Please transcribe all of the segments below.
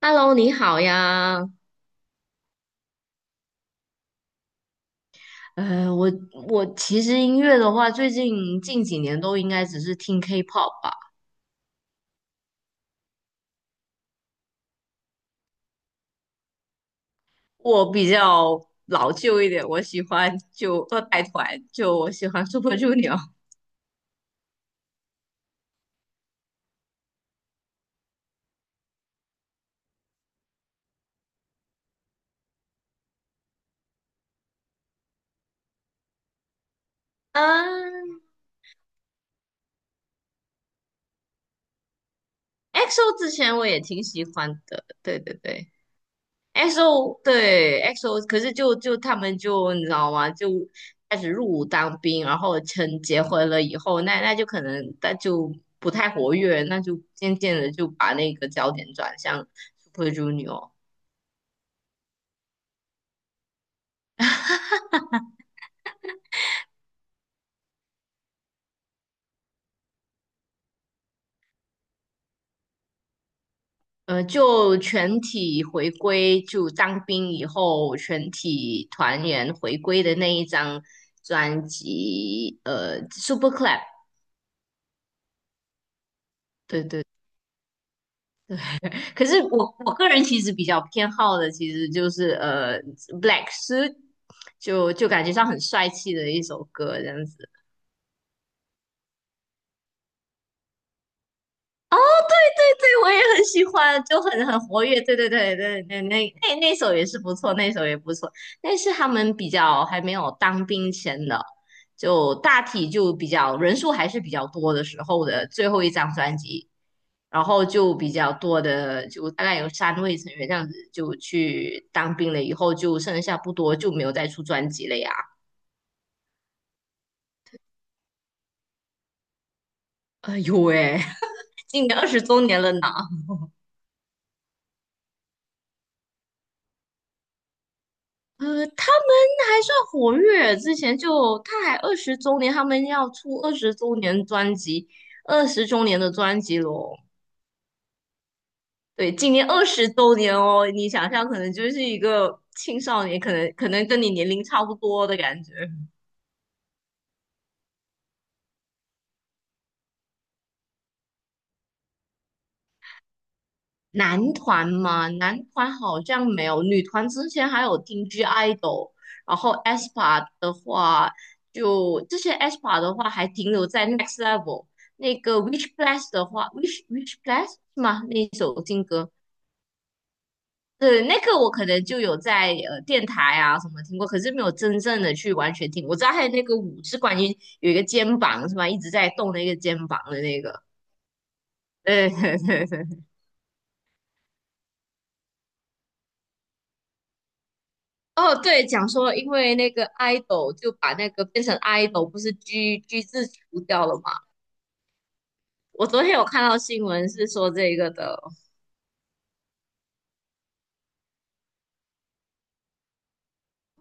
Hello，你好呀。呃，我我其实音乐的话，最近几年都应该只是听 K-pop 吧。我比较老旧一点，我喜欢就二代团，就我喜欢 Super Junior 嗯，EXO 之前我也挺喜欢的，对对对。XO 对 XO，可是他们就你知道吗？就开始入伍当兵，然后结婚了以后，那就可能不太活跃，那就渐渐的就把那个焦点转向 Super Junior。就全体回归，就当兵以后全体团员回归的那一张专辑，Super Club,对对。可是我个人其实比较偏好的，其实就是Black Suit,就感觉上很帅气的一首歌这样子。对，我也很喜欢，就很活跃。对对对对对，那首也是不错，那首也不错，那是他们比较还没有当兵前的，就大体就比较人数还是比较多的时候的最后一张专辑，然后就比较多的，就大概有3位成员这样子就去当兵了，以后就剩下不多，就没有再出专辑了呀。哎呦喂，今年20周年了呢。呃，他们还算活跃，之前就他还20周年，他们要出20周年专辑，20周年的专辑咯。对，今年20周年哦，你想象可能就是一个青少年，可能跟你年龄差不多的感觉。男团嘛，男团好像没有，女团之前还有听 G IDOL，然后 a s p a 的话，就这些 a s p a 的话还停留在 Next Level。那个 Which Plus 的话，Which Plus 是吗？那一首新歌，对，那个我可能就有在电台啊什么听过，可是没有真正的去完全听。我知道还有那个舞是关于有一个肩膀是吗？一直在动那个肩膀的那个，对对对对。哦，对，讲说因为那个 idol 就把那个变成 idol,不是 G G 字除掉了吗？我昨天有看到新闻是说这个的，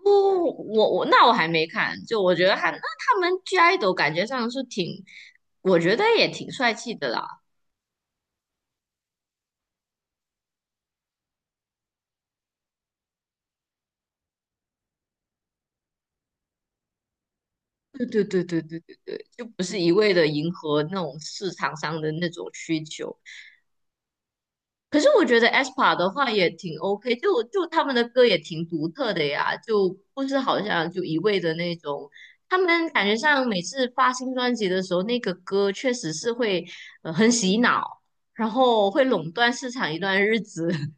不，那我还没看，就我觉得他们 G idol 感觉上是挺，我觉得也挺帅气的啦。对对对对对对对，就不是一味的迎合那种市场上的那种需求。可是我觉得 aespa 的话也挺 OK,就他们的歌也挺独特的呀，就不是好像就一味的那种。他们感觉上每次发新专辑的时候，那个歌确实是会很洗脑，然后会垄断市场一段日子。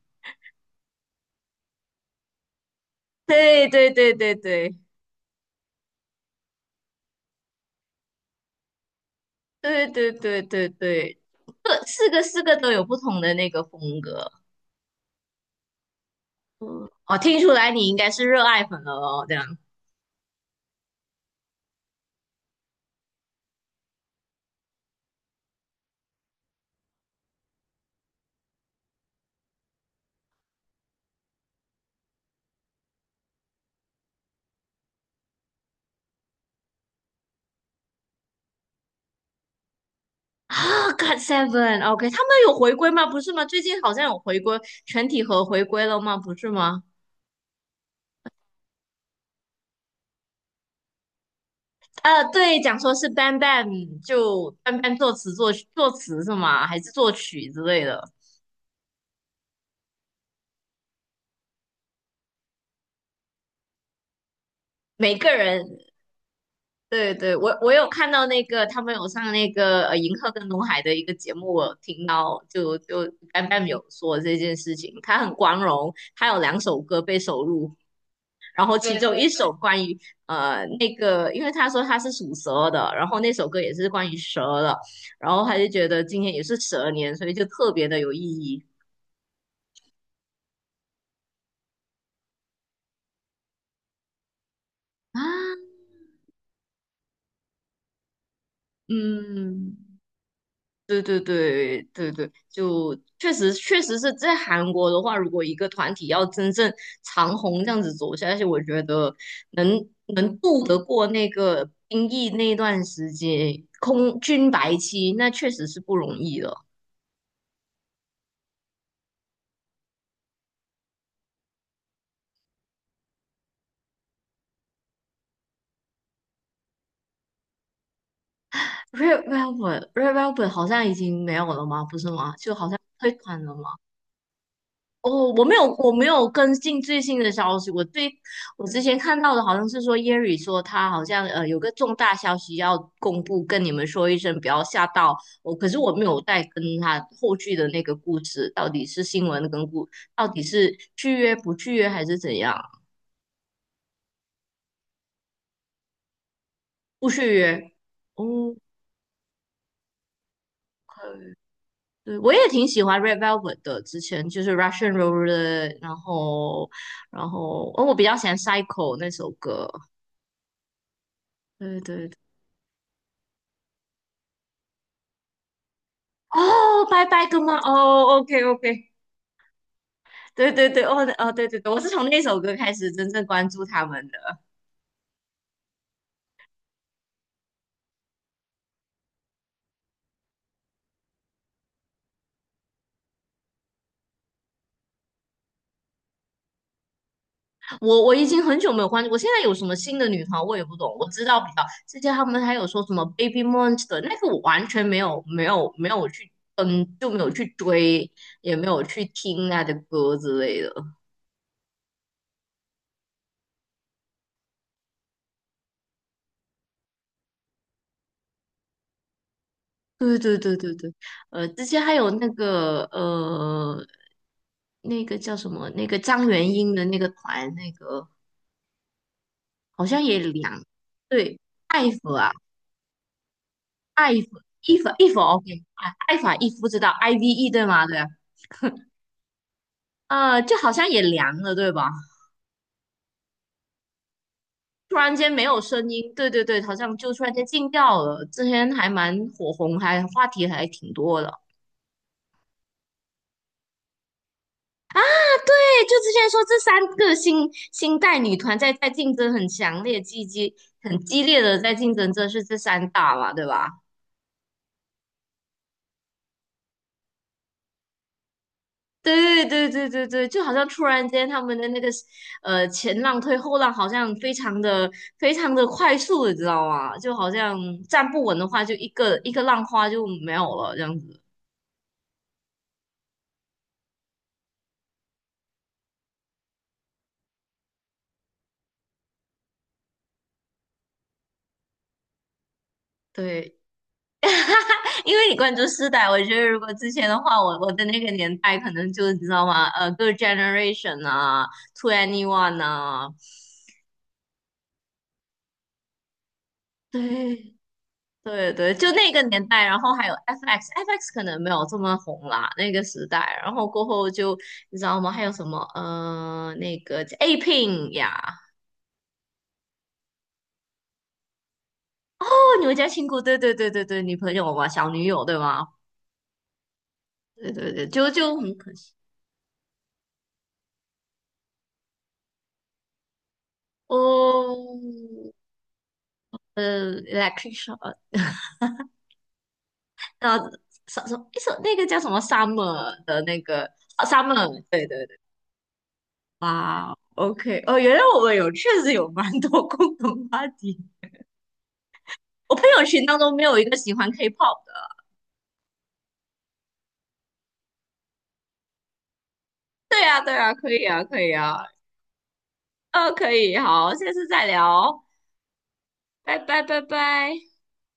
对对对对对对对对对对，各四个四个都有不同的那个风格。哦，听出来你应该是热爱粉了哦，这样。啊，God Seven，OK,他们有回归吗？不是吗？最近好像有回归，全体和回归了吗？不是吗？对，讲说是 b a n b a n 就 b a n b a n 作词作曲作词是吗？还是作曲之类的？每个人，对对，我我有看到那个他们有上那个银赫跟龙海的一个节目，我有听到就 b a n b a n 有说这件事情，他很光荣，他有2首歌被收录。然后其对中对一首关于那个，因为他说他是属蛇的，然后那首歌也是关于蛇的，然后他就觉得今天也是蛇年，所以就特别的有意义啊。嗯，对对对对对，就确实是在韩国的话，如果一个团体要真正长红这样子走下去，我觉得能能渡得过那个兵役那段时间空军白期，那确实是不容易的。Red Velvet，Red Velvet 好像已经没有了吗？不是吗？就好像退团了吗？哦，我没有，我没有跟进最新的消息。我之前看到的好像是说 Yeri 说他好像有个重大消息要公布，跟你们说一声，不要吓到我。可是我没有再跟他后续的那个故事，到底是新闻跟故，到底是续约不续约还是怎样？不续约。OK，对，我也挺喜欢 Red Velvet 的，之前就是 Russian Roulette，然后，然后，哦，我比较喜欢 Psycho 那首歌。对对对，哦，拜拜哥吗？哦，OK OK，对对对，哦哦，对对对，我是从那首歌开始真正关注他们的。我已经很久没有关注，我现在有什么新的女团我也不懂，我知道比较之前他们还有说什么 Baby Monster 那个我完全没有去就没有去追，也没有去听他的歌之类的。对对对对对，之前还有那个那个叫什么？那个张元英的那个团，那个好像也凉。对，艾弗啊，艾弗伊弗伊弗，OK 啊，艾法伊夫知道，IVE 对吗？对，就好像也凉了，对吧？突然间没有声音，对对对，好像就突然间静掉了。之前还蛮火红，还话题还挺多的。对，就之前说这三个新新代女团在竞争很强烈、很激烈的在竞争，这是这三大嘛，对吧？对对对对对，就好像突然间他们的那个前浪推后浪，好像非常的快速，你知道吗？就好像站不稳的话，就一个一个浪花就没有了这样子。对，因为你关注世代，我觉得如果之前的话，我的那个年代可能就你知道吗？Girl Generation 啊，Two Anyone 啊，对对对，就那个年代，然后还有 FX，FX 可能没有这么红啦，那个时代，然后过后就你知道吗？还有什么那个 A Pink 呀，哦，你们家亲姑，对对对对对，女朋友嘛，小女友对吗？对对对，就就很可惜哦，Electric Shock，呃，什什一首那个叫什么 Summer 的那个啊 Summer，对对对，哇，OK,哦，原来我们有确实有蛮多共同话题。我朋友群当中没有一个喜欢 K-pop 的。对啊，对啊，可以啊，可以啊，可以，好，下次再聊，拜拜，拜拜。